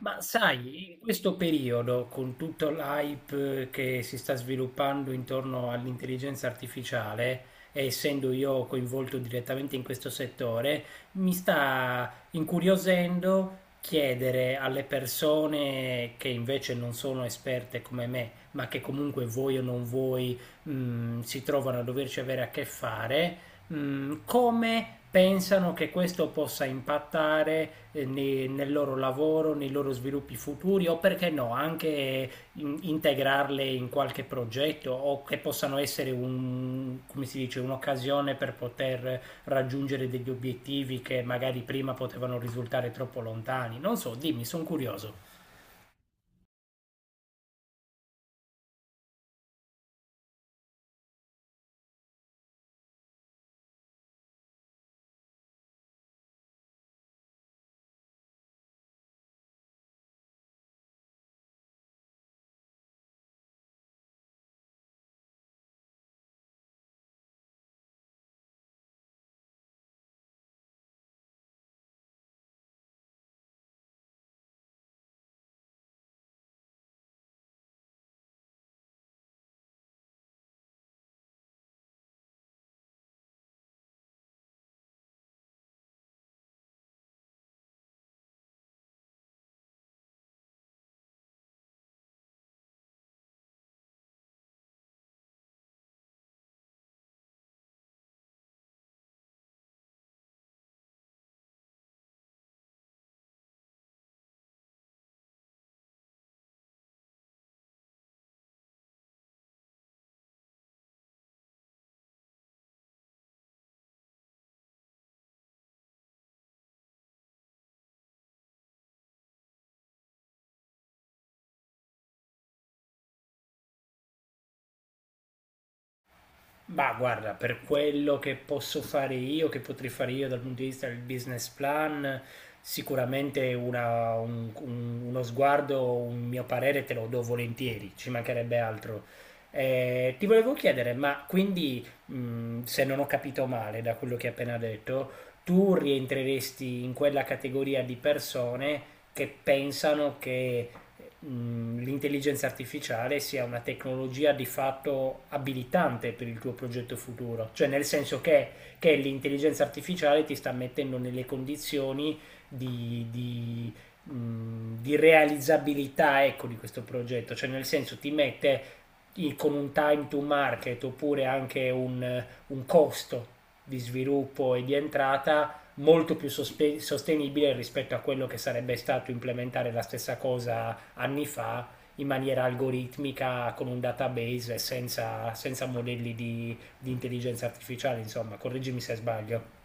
Ma sai, in questo periodo, con tutto l'hype che si sta sviluppando intorno all'intelligenza artificiale, e essendo io coinvolto direttamente in questo settore, mi sta incuriosendo chiedere alle persone che invece non sono esperte come me, ma che comunque voi o non voi, si trovano a doverci avere a che fare, come pensano che questo possa impattare nel loro lavoro, nei loro sviluppi futuri o perché no, anche integrarle in qualche progetto o che possano essere come si dice, un'occasione per poter raggiungere degli obiettivi che magari prima potevano risultare troppo lontani. Non so, dimmi, sono curioso. Ma guarda, per quello che posso fare io, che potrei fare io dal punto di vista del business plan, sicuramente uno sguardo, un mio parere te lo do volentieri, ci mancherebbe altro. Ti volevo chiedere, ma quindi, se non ho capito male da quello che hai appena detto, tu rientreresti in quella categoria di persone che pensano che l'intelligenza artificiale sia una tecnologia di fatto abilitante per il tuo progetto futuro, cioè nel senso che l'intelligenza artificiale ti sta mettendo nelle condizioni di, di, di realizzabilità ecco, di questo progetto, cioè nel senso ti mette con un time to market oppure anche un costo di sviluppo e di entrata molto più sostenibile rispetto a quello che sarebbe stato implementare la stessa cosa anni fa in maniera algoritmica con un database e senza, senza modelli di intelligenza artificiale, insomma, correggimi se sbaglio.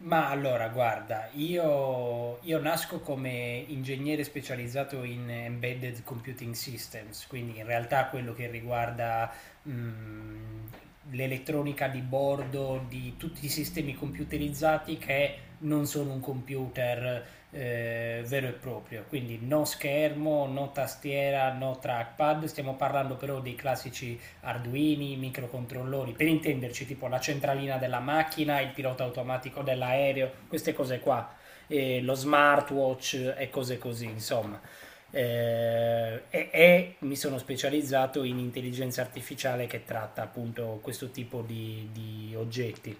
Ma allora, guarda, io nasco come ingegnere specializzato in embedded computing systems, quindi in realtà quello che riguarda l'elettronica di bordo di tutti i sistemi computerizzati che non sono un computer vero e proprio, quindi no schermo, no tastiera, no trackpad, stiamo parlando però dei classici arduini, microcontrollori, per intenderci tipo la centralina della macchina, il pilota automatico dell'aereo, queste cose qua, lo smartwatch e cose così, insomma. E mi sono specializzato in intelligenza artificiale che tratta appunto questo tipo di oggetti.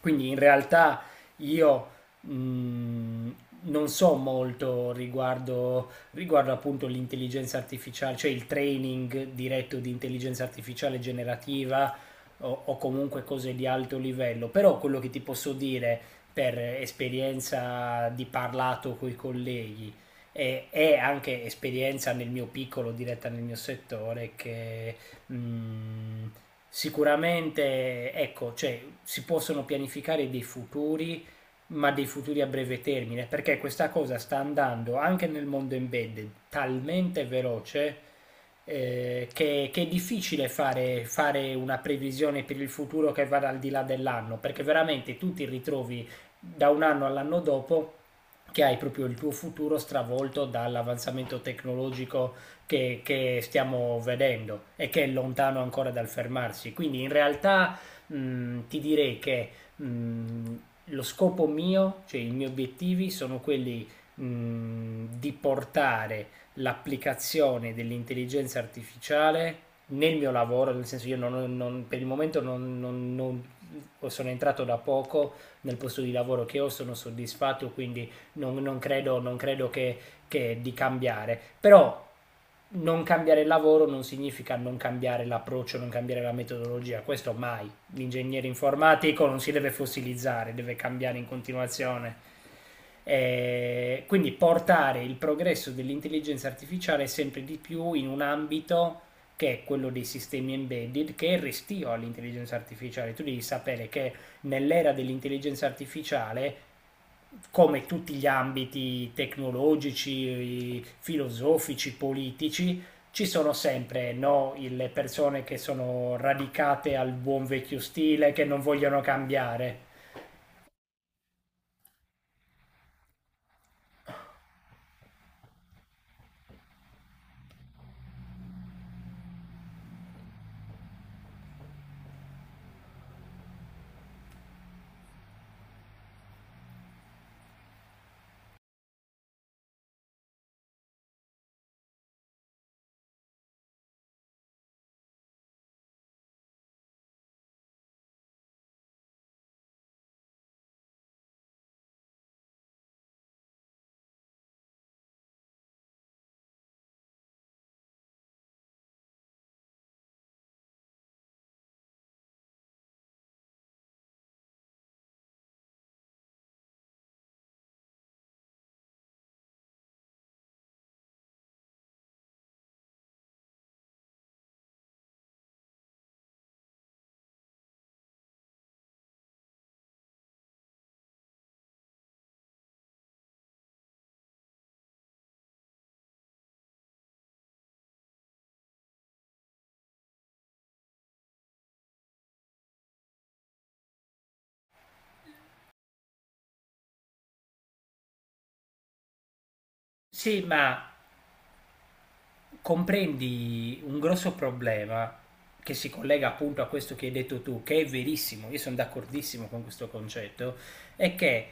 Quindi in realtà io mh, non so molto riguardo appunto l'intelligenza artificiale, cioè il training diretto di intelligenza artificiale generativa o comunque cose di alto livello, però quello che ti posso dire per esperienza di parlato con i colleghi e anche esperienza nel mio piccolo, diretta nel mio settore, che mh, sicuramente ecco, cioè, si possono pianificare dei futuri ma dei futuri a breve termine, perché questa cosa sta andando anche nel mondo embedded talmente veloce che è difficile fare, fare una previsione per il futuro che vada al di là dell'anno, perché veramente tu ti ritrovi da un anno all'anno dopo che hai proprio il tuo futuro stravolto dall'avanzamento tecnologico che stiamo vedendo e che è lontano ancora dal fermarsi. Quindi in realtà ti direi che mh, lo scopo mio, cioè i miei obiettivi sono quelli di portare l'applicazione dell'intelligenza artificiale nel mio lavoro, nel senso io per il momento o sono entrato da poco nel posto di lavoro che ho, sono soddisfatto, quindi non, non credo, non credo che di cambiare. Però non cambiare il lavoro non significa non cambiare l'approccio, non cambiare la metodologia, questo mai. L'ingegnere informatico non si deve fossilizzare, deve cambiare in continuazione. Quindi portare il progresso dell'intelligenza artificiale sempre di più in un ambito che è quello dei sistemi embedded, che è restio all'intelligenza artificiale. Tu devi sapere che nell'era dell'intelligenza artificiale, come tutti gli ambiti tecnologici, filosofici, politici, ci sono sempre no, le persone che sono radicate al buon vecchio stile, che non vogliono cambiare. Sì, ma comprendi un grosso problema che si collega appunto a questo che hai detto tu, che è verissimo, io sono d'accordissimo con questo concetto, è che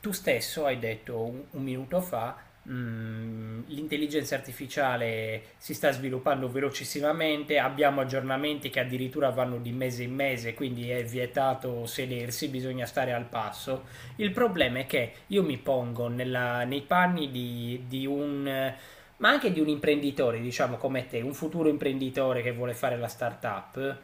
tu stesso hai detto un minuto fa, l'intelligenza artificiale si sta sviluppando velocissimamente, abbiamo aggiornamenti che addirittura vanno di mese in mese, quindi è vietato sedersi, bisogna stare al passo. Il problema è che io mi pongo nei panni di un ma anche di un imprenditore, diciamo come te, un futuro imprenditore che vuole fare la startup.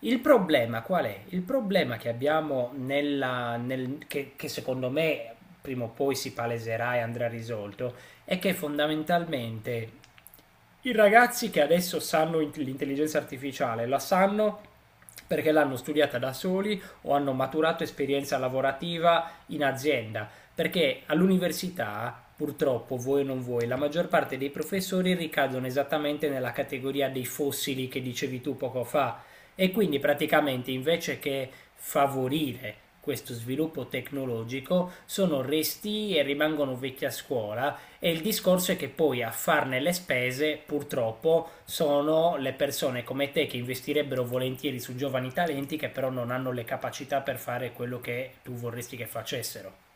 Il problema qual è? Il problema che abbiamo che secondo me prima o poi si paleserà e andrà risolto è che fondamentalmente i ragazzi che adesso sanno l'intelligenza artificiale la sanno perché l'hanno studiata da soli o hanno maturato esperienza lavorativa in azienda perché all'università, purtroppo, voi o non voi, la maggior parte dei professori ricadono esattamente nella categoria dei fossili che dicevi tu poco fa. E quindi praticamente invece che favorire questo sviluppo tecnologico sono resti e rimangono vecchi a scuola e il discorso è che poi a farne le spese purtroppo sono le persone come te che investirebbero volentieri su giovani talenti che però non hanno le capacità per fare quello che tu vorresti che facessero.